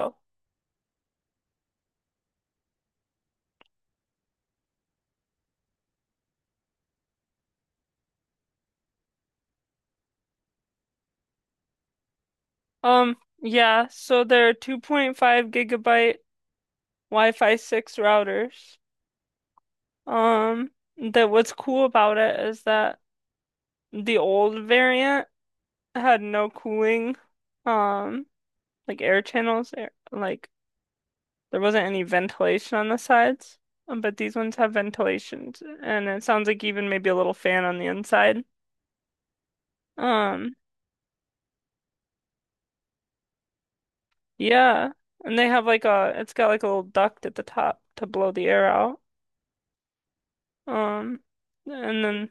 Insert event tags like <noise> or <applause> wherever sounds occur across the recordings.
Oh. Yeah, so they're 2.5 gigabyte Wi-Fi 6 routers. Um, that what's cool about it is that the old variant had no cooling, um, like air channels, like there wasn't any ventilation on the sides. But these ones have ventilations, and it sounds like even maybe a little fan on the inside. Um, yeah, and they have like it's got like a little duct at the top to blow the air out. Um, and then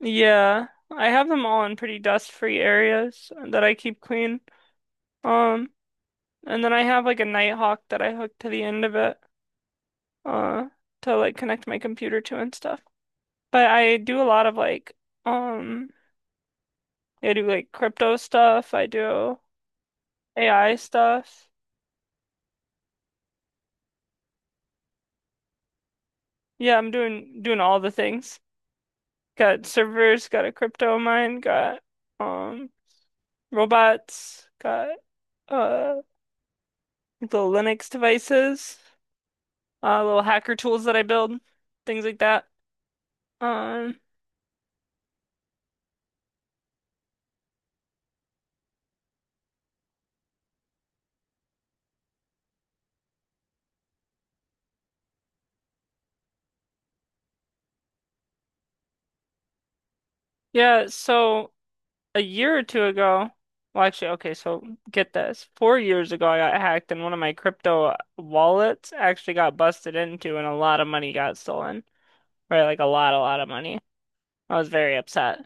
yeah, I have them all in pretty dust-free areas that I keep clean. Um, and then I have like a Nighthawk that I hook to the end of it, uh, to like connect my computer to and stuff. But I do a lot of like, um, I do like crypto stuff. I do AI stuff. Yeah, I'm doing all the things. Got servers, got a crypto mine, got um robots, got uh little Linux devices, little hacker tools that I build, things like that. Um, yeah, so a year or two ago, well, actually, okay, so get this. 4 years ago, I got hacked, and one of my crypto wallets actually got busted into, and a lot of money got stolen, right? Like a lot of money. I was very upset,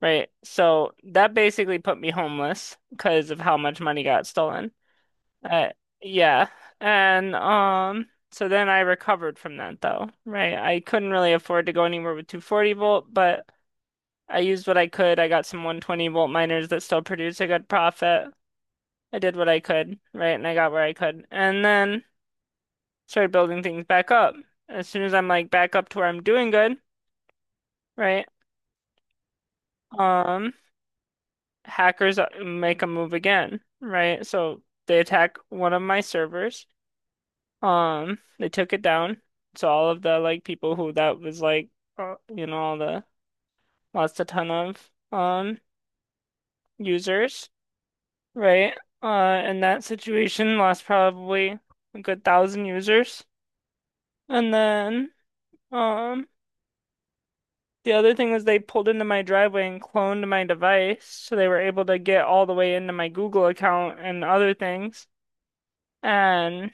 right? So that basically put me homeless because of how much money got stolen. Uh, yeah. And so then I recovered from that though, right? I couldn't really afford to go anywhere with 240 volt, but I used what I could. I got some 120 volt miners that still produce a good profit. I did what I could, right? And I got where I could. And then started building things back up. As soon as I'm like back up to where I'm doing good, right? Um Hackers make a move again, right? So they attack one of my servers. They took it down. So all of the like people who that was like, all the lost a ton of users, right? In that situation, lost probably a good thousand users. And then, um, the other thing was they pulled into my driveway and cloned my device, so they were able to get all the way into my Google account and other things. And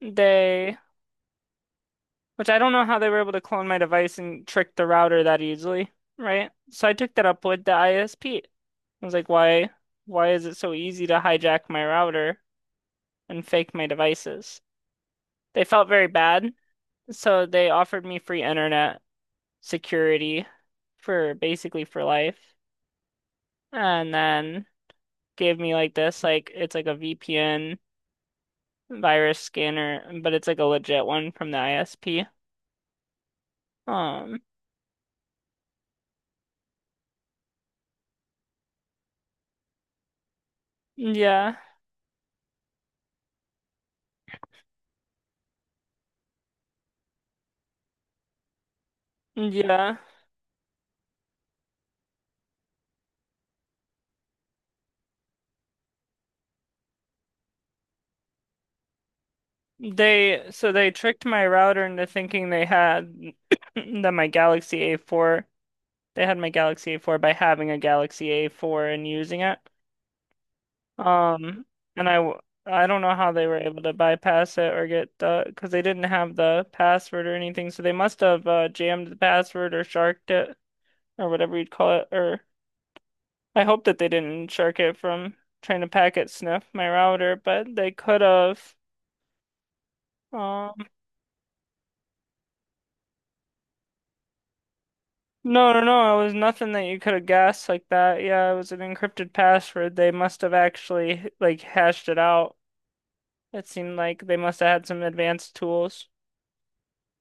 they Which I don't know how they were able to clone my device and trick the router that easily, right? So I took that up with the ISP. I was like, why is it so easy to hijack my router and fake my devices? They felt very bad, so they offered me free internet security for basically for life, and then gave me like this, like it's like a VPN virus scanner, but it's like a legit one from the ISP. Um, yeah, yeah. They so they tricked my router into thinking they had <clears throat> that my Galaxy A4, they had my Galaxy A4 by having a Galaxy A4 and using it. Um, and I don't know how they were able to bypass it or get the because they didn't have the password or anything, so they must have jammed the password or sharked it or whatever you'd call it. Or I hope that they didn't shark it from trying to packet sniff my router, but they could have. um, No, no, no. It was nothing that you could have guessed like that. Yeah, it was an encrypted password. They must have actually like hashed it out. It seemed like they must have had some advanced tools,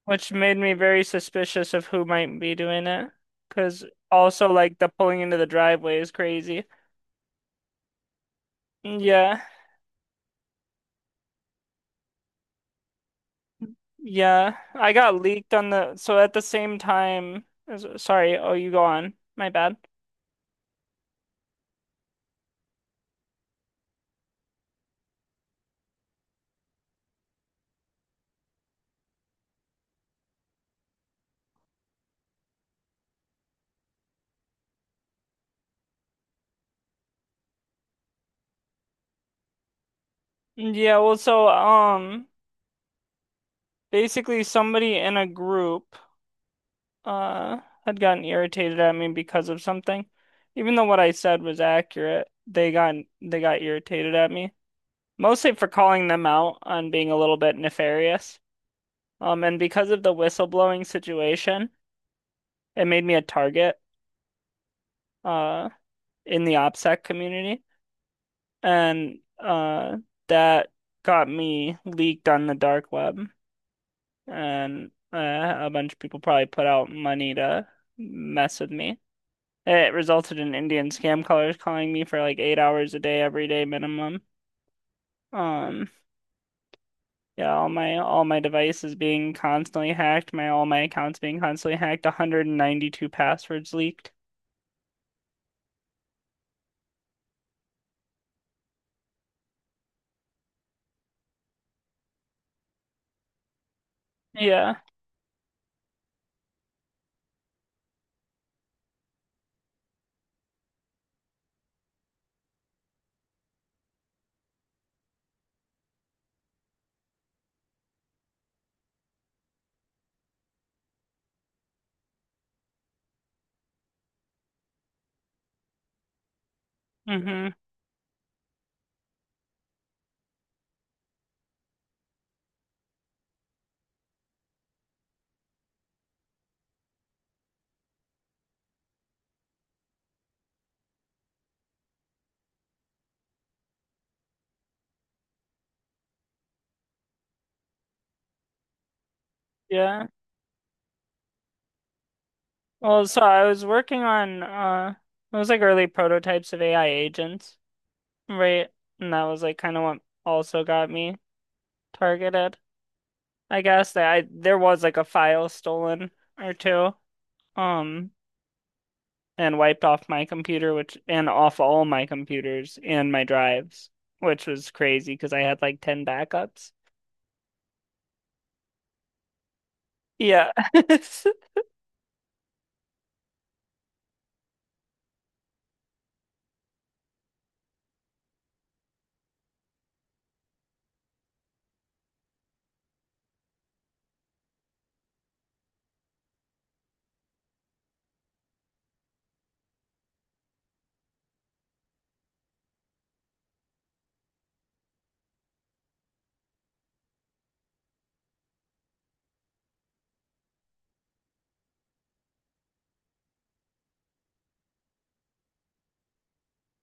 which made me very suspicious of who might be doing it. Because also like the pulling into the driveway is crazy. Yeah, yeah. I got leaked on the so at the same time as sorry. Oh, you go on. My bad. Yeah, well, so basically somebody in a group. uh Had gotten irritated at me because of something. Even though what I said was accurate, they got irritated at me. Mostly for calling them out on being a little bit nefarious. And because of the whistleblowing situation, it made me a target uh in the OPSEC community. And that got me leaked on the dark web. And a bunch of people probably put out money to mess with me. It resulted in Indian scam callers calling me for like 8 hours a day, every day minimum. Um, yeah, all my devices being constantly hacked, my all my accounts being constantly hacked, 192 passwords leaked. Yeah. Hmm. Yeah. Well, so I was working on it was like early prototypes of AI agents, right? And that was like kind of what also got me targeted. I guess that I there was like a file stolen or two. Um, and wiped off my computer, which and off all my computers and my drives, which was crazy because I had like 10 backups. Yeah. <laughs>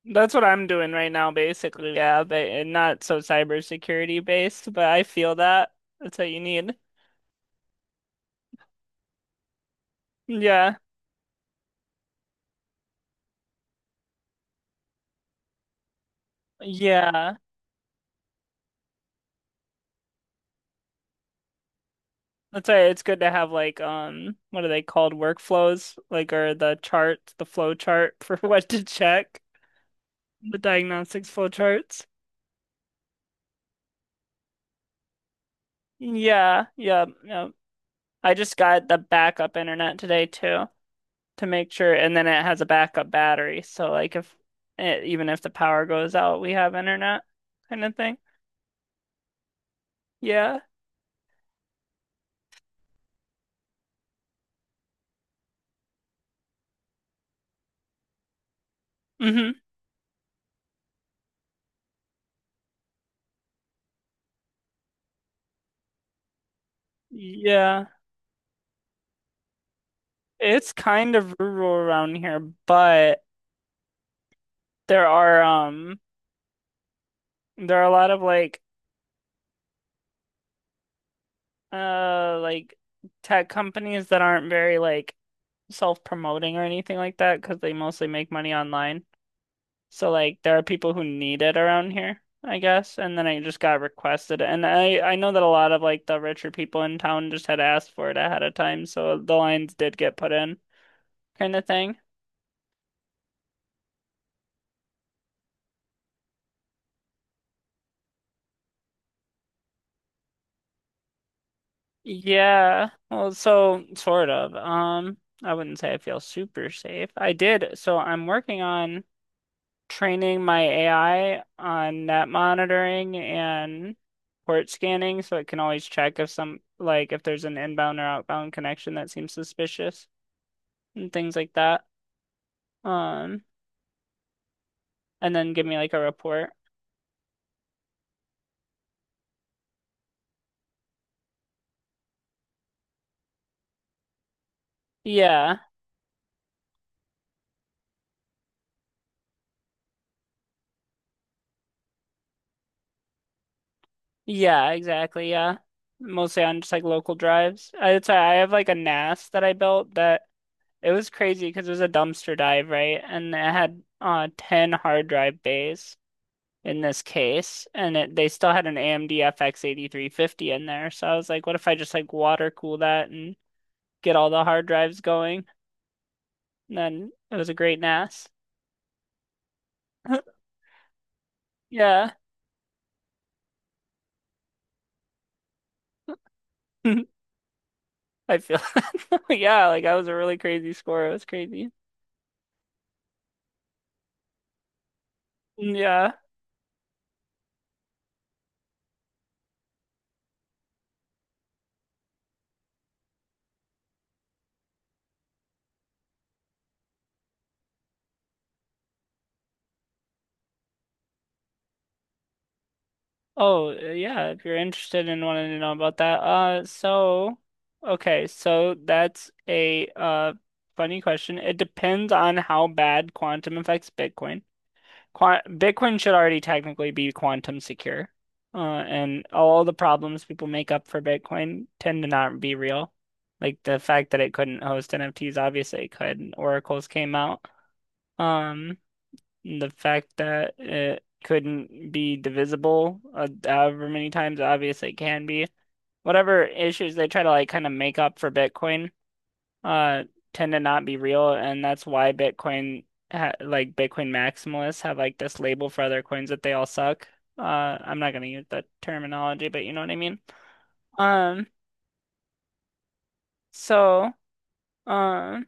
That's what I'm doing right now, basically. Yeah, but and not so cybersecurity based, but I feel that. That's what you need. Yeah. Yeah. That's why it's good to have like what are they called? Workflows, like or the chart, the flow chart for <laughs> what to check, the diagnostics flow charts. Yeah, yeah, yeah. I just got the backup internet today too to make sure, and then it has a backup battery. So like if it, even if the power goes out, we have internet kind of thing. Yeah. Hmm. Yeah. It's kind of rural around here, but there are um there are a lot of like uh like tech companies that aren't very like self-promoting or anything like that because they mostly make money online. So like there are people who need it around here, I guess. And then I just got requested. It. And I know that a lot of like the richer people in town just had asked for it ahead of time, so the lines did get put in, kind of thing. Yeah. Well, so sort of. I wouldn't say I feel super safe. I did. So I'm working on training my AI on net monitoring and port scanning so it can always check if some like if there's an inbound or outbound connection that seems suspicious. And things like that. Um, and then give me like a report. Yeah. Yeah, exactly. Yeah. Mostly on just like local drives. I have like a NAS that I built that it was crazy because it was a dumpster dive, right? And it had 10 hard drive bays in this case, and they still had an AMD FX 8350 in there. So I was like, what if I just like water cool that and get all the hard drives going? And then it was a great NAS. <laughs> Yeah. <laughs> I feel <laughs> yeah, like that was a really crazy score. It was crazy. Mm, yeah. Oh, yeah, if you're interested in wanting to know about that. So okay, so that's a funny question. It depends on how bad quantum affects Bitcoin. Quant Bitcoin should already technically be quantum secure. Uh and all the problems people make up for Bitcoin tend to not be real. Like the fact that it couldn't host NFTs, obviously it could. Oracles came out. Um The fact that it couldn't be divisible, however many times it obviously it can be. Whatever issues they try to like kind of make up for Bitcoin, uh, tend to not be real, and that's why Bitcoin ha like Bitcoin maximalists have like this label for other coins that they all suck. Uh, I'm not gonna use that terminology, but you know what I mean. Um, so, um.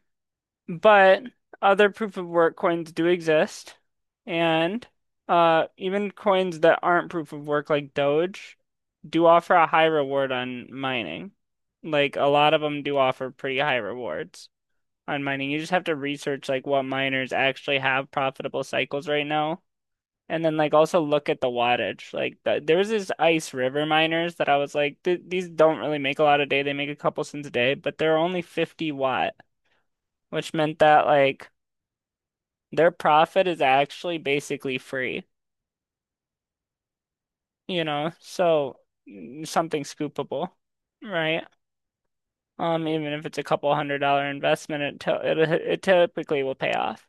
But other proof of work coins do exist, and even coins that aren't proof of work, like Doge, do offer a high reward on mining. Like a lot of them do offer pretty high rewards on mining. You just have to research like what miners actually have profitable cycles right now, and then like also look at the wattage. There was this Ice River miners that I was like, These don't really make a lot a day. They make a couple cents a day, but they're only 50-watt, which meant that like their profit is actually basically free, so something scoopable, right? Even if it's a couple $100 investment, it typically will pay off.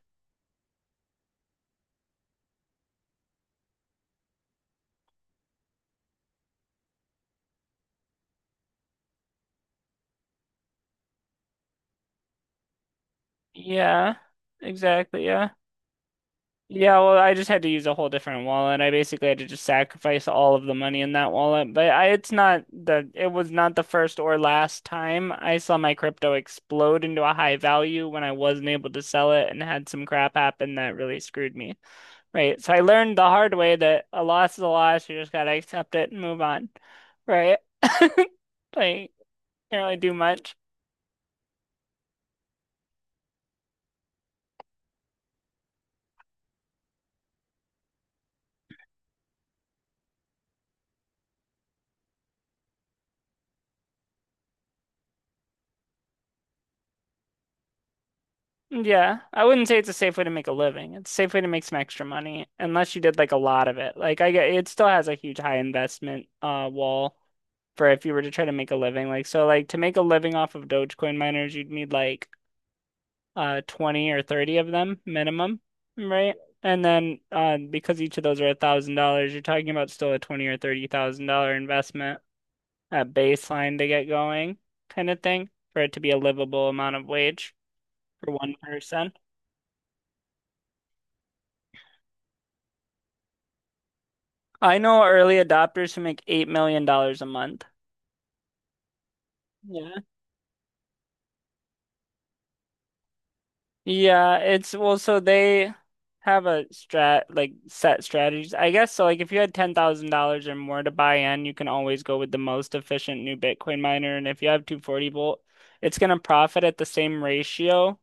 Yeah, exactly. Yeah. Yeah, well, I just had to use a whole different wallet. I basically had to just sacrifice all of the money in that wallet. But I, it's not the, it was not the first or last time I saw my crypto explode into a high value when I wasn't able to sell it and had some crap happen that really screwed me. Right? So I learned the hard way that a loss is a loss. You just gotta accept it and move on, right? <laughs> Like, can't really do much. Yeah, I wouldn't say it's a safe way to make a living. It's a safe way to make some extra money, unless you did like a lot of it. Like I get, it still has a huge high investment wall for if you were to try to make a living. Like so, like to make a living off of Dogecoin miners, you'd need like 20 or 30 of them minimum, right? And then because each of those are $1,000, you're talking about still a 20 or 30 thousand dollar investment at baseline to get going kind of thing for it to be a livable amount of wage for one person. I know early adopters who make $8 million a month. Yeah. Yeah, it's well, so they have a strat like set strategies. I guess so like if you had $10,000 or more to buy in, you can always go with the most efficient new Bitcoin miner and if you have 240 volt, it's going to profit at the same ratio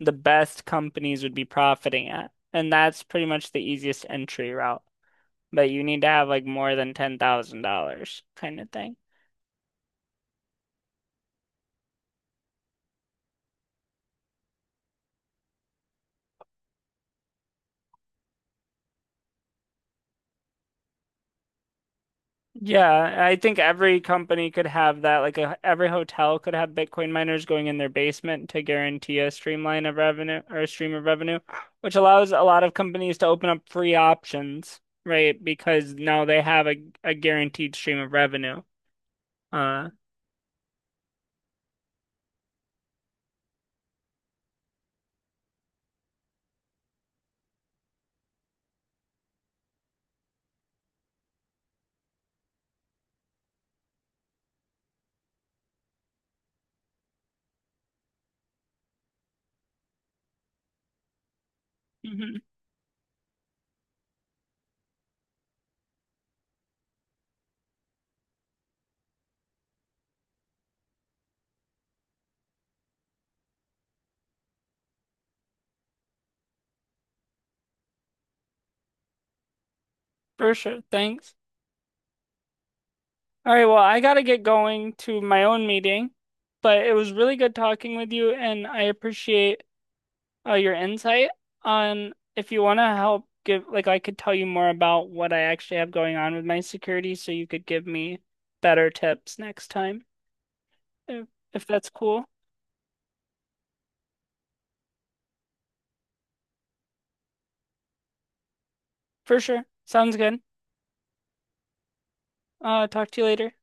the best companies would be profiting at. And that's pretty much the easiest entry route. But you need to have like more than $10,000 kind of thing. Yeah, I think every company could have that. Every hotel could have Bitcoin miners going in their basement to guarantee a streamline of revenue or a stream of revenue, which allows a lot of companies to open up free options, right? Because now they have a guaranteed stream of revenue. Uh, mhm, for sure. Thanks. All right, well, I gotta get going to my own meeting, but it was really good talking with you, and I appreciate Oh, your insight on if you want to help give, like, I could tell you more about what I actually have going on with my security so you could give me better tips next time, if, if that's cool. For sure. Sounds good. Talk to you later.